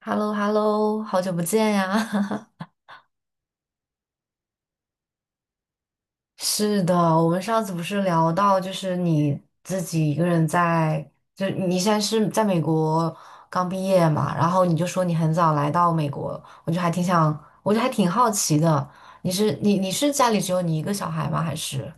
h e l l o h e l l o 好久不见呀！是的，我们上次不是聊到，就是你自己一个人在，就你现在是在美国刚毕业嘛，然后你就说你很早来到美国，我就还挺想，我就还挺好奇的，你是家里只有你一个小孩吗？还是？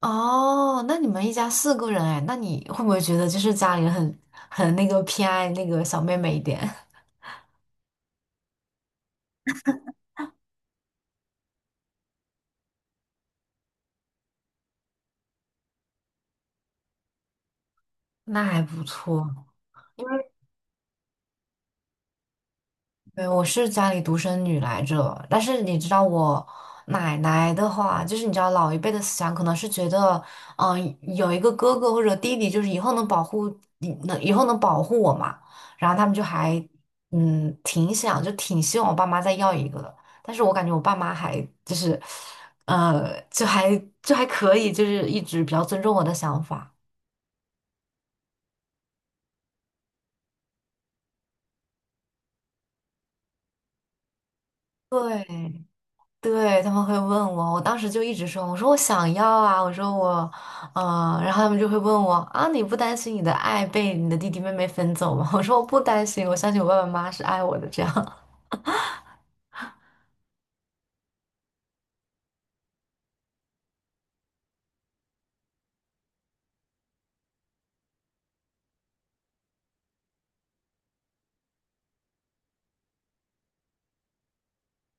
哦，那你们一家四个人哎，那你会不会觉得就是家里人很那个偏爱那个小妹妹一点？那还不错。对，我是家里独生女来着，但是你知道我奶奶的话，就是你知道老一辈的思想可能是觉得，嗯、有一个哥哥或者弟弟，就是以后能保护，能以后能保护我嘛，然后他们就还嗯挺想，就挺希望我爸妈再要一个的，但是我感觉我爸妈还就是，就还就还可以，就是一直比较尊重我的想法。对，对，他们会问我，我当时就一直说，我说我想要啊，我说我，然后他们就会问我啊，你不担心你的爱被你的弟弟妹妹分走吗？我说我不担心，我相信我爸爸妈妈是爱我的，这样。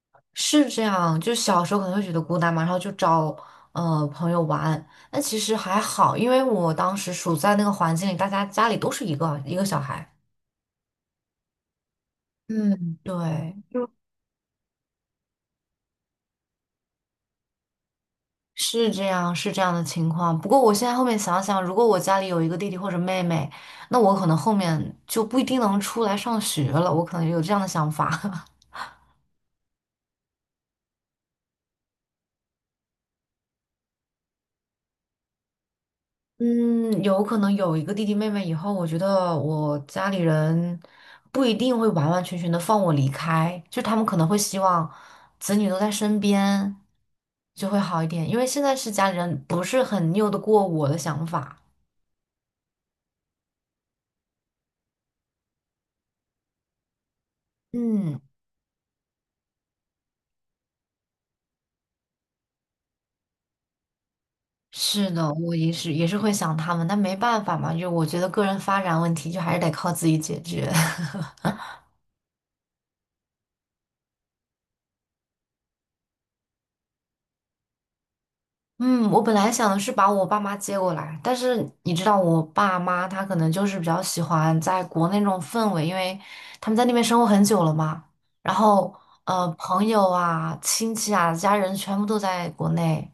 是这样。就小时候可能会觉得孤单嘛，然后就找朋友玩，但其实还好，因为我当时处在那个环境里，大家家里都是一个一个小孩，嗯，对。是这样，是这样的情况。不过我现在后面想想，如果我家里有一个弟弟或者妹妹，那我可能后面就不一定能出来上学了。我可能有这样的想法。嗯，有可能有一个弟弟妹妹以后，我觉得我家里人不一定会完完全全的放我离开，就他们可能会希望子女都在身边，就会好一点。因为现在是家里人不是很拗得过我的想法。嗯。是的，我也是会想他们，但没办法嘛，就我觉得个人发展问题就还是得靠自己解决。嗯，我本来想的是把我爸妈接过来，但是你知道，我爸妈他可能就是比较喜欢在国内那种氛围，因为他们在那边生活很久了嘛。然后，朋友啊、亲戚啊、家人全部都在国内。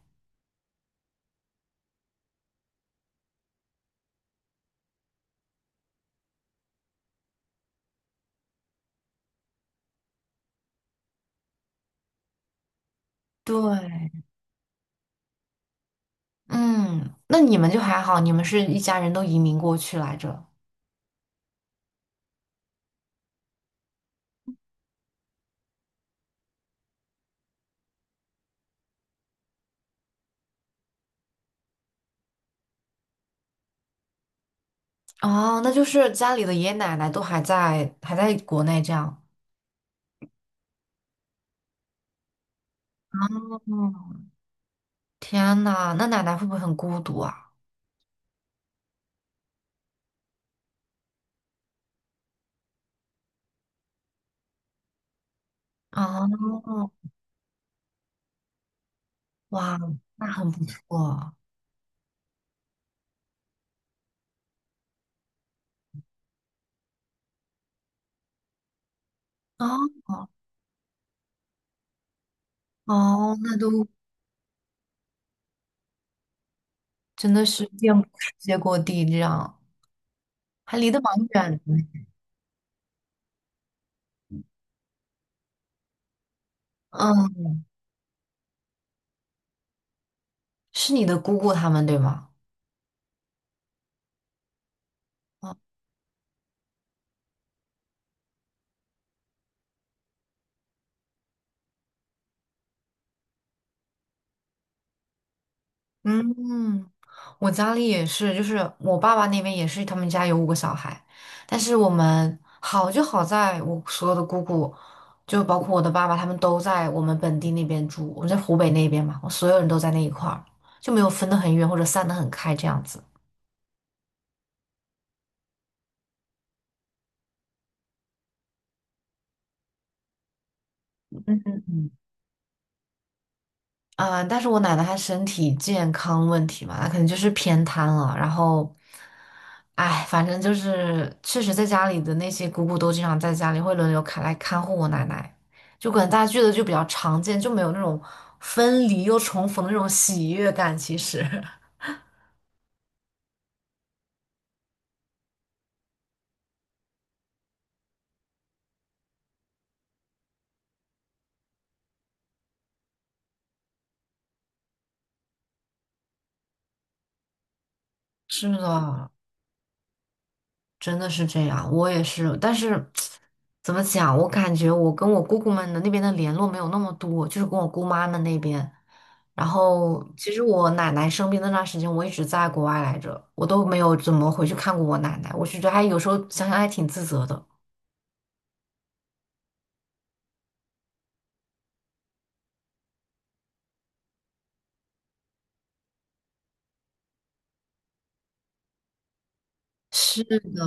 对，嗯，那你们就还好，你们是一家人都移民过去来着。哦，那就是家里的爷爷奶奶都还在国内这样。嗯，天呐，那奶奶会不会很孤独啊？哦，哇，那很不错。哦哦，那都真的是遍布世界各地，这样还离得蛮远的。嗯，是你的姑姑他们对吗？嗯，我家里也是，就是我爸爸那边也是，他们家有5个小孩，但是我们好就好在我所有的姑姑，就包括我的爸爸，他们都在我们本地那边住，我们在湖北那边嘛，我所有人都在那一块儿，就没有分得很远或者散得很开这样子。嗯，但是我奶奶她身体健康问题嘛，她可能就是偏瘫了。然后，哎，反正就是确实在家里的那些姑姑都经常在家里会轮流看护我奶奶，就可能大家聚的就比较常见，就没有那种分离又重逢的那种喜悦感。其实。 是的，真的是这样，我也是，但是怎么讲，我感觉我跟我姑姑们的那边的联络没有那么多，就是跟我姑妈们那边。然后，其实我奶奶生病那段时间，我一直在国外来着，我都没有怎么回去看过我奶奶。我是觉得有时候想想还挺自责的。是的，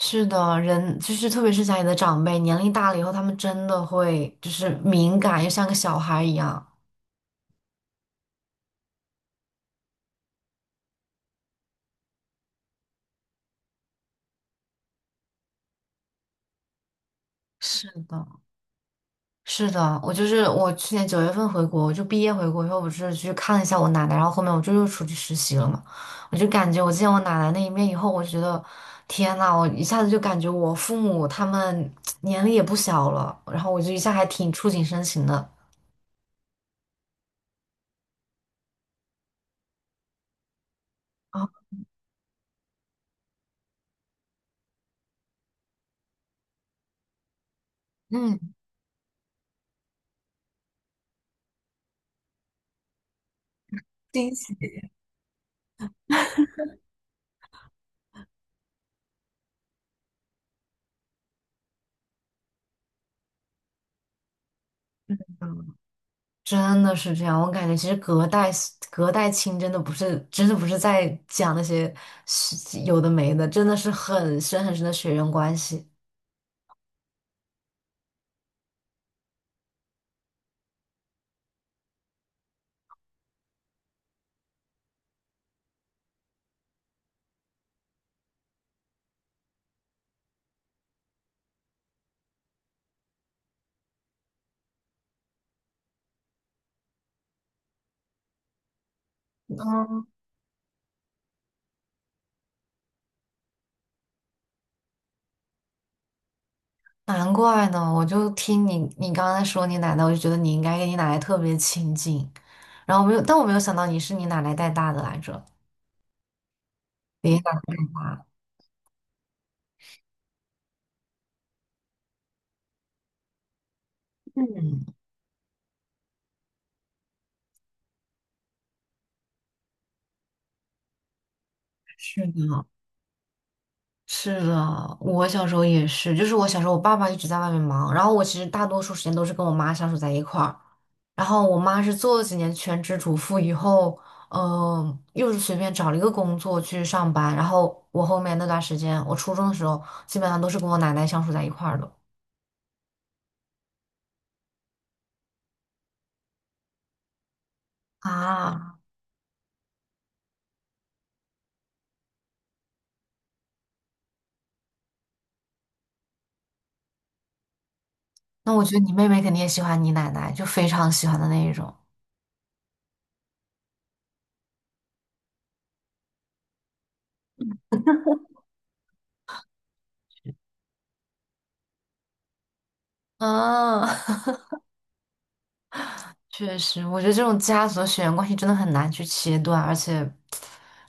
是的，人就是特别是家里的长辈，年龄大了以后，他们真的会就是敏感，又像个小孩一样。是的。是的，我就是我去年9月份回国，我就毕业回国以后，我是去看了一下我奶奶，然后后面我就又出去实习了嘛。我就感觉我见我奶奶那一面以后，我觉得天呐，我一下子就感觉我父母他们 年龄也不小了，然后我就一下还挺触景生情的。啊，嗯，惊喜。真的是这样，我感觉其实隔代亲真的不是在讲那些有的没的，真的是很深很深的血缘关系。难怪呢，我就听你刚才说你奶奶，我就觉得你应该跟你奶奶特别亲近，然后没有，但我没有想到你是你奶奶带大的来着，爷爷奶奶带大。嗯，是的，是的，我小时候也是，就是我小时候我爸爸一直在外面忙，然后我其实大多数时间都是跟我妈相处在一块儿，然后我妈是做了几年全职主妇以后，又是随便找了一个工作去上班，然后我后面那段时间，我初中的时候基本上都是跟我奶奶相处在一块儿的。啊，那我觉得你妹妹肯定也喜欢你奶奶，就非常喜欢的那一种。嗯，确实，我觉得这种家族的血缘关系真的很难去切断，而且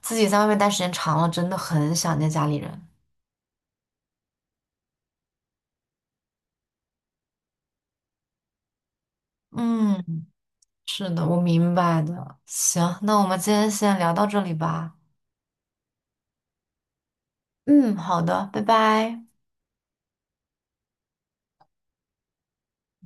自己在外面待时间长了，真的很想念家里人。嗯，是的，我明白的。行，那我们今天先聊到这里吧。嗯，好的，拜拜。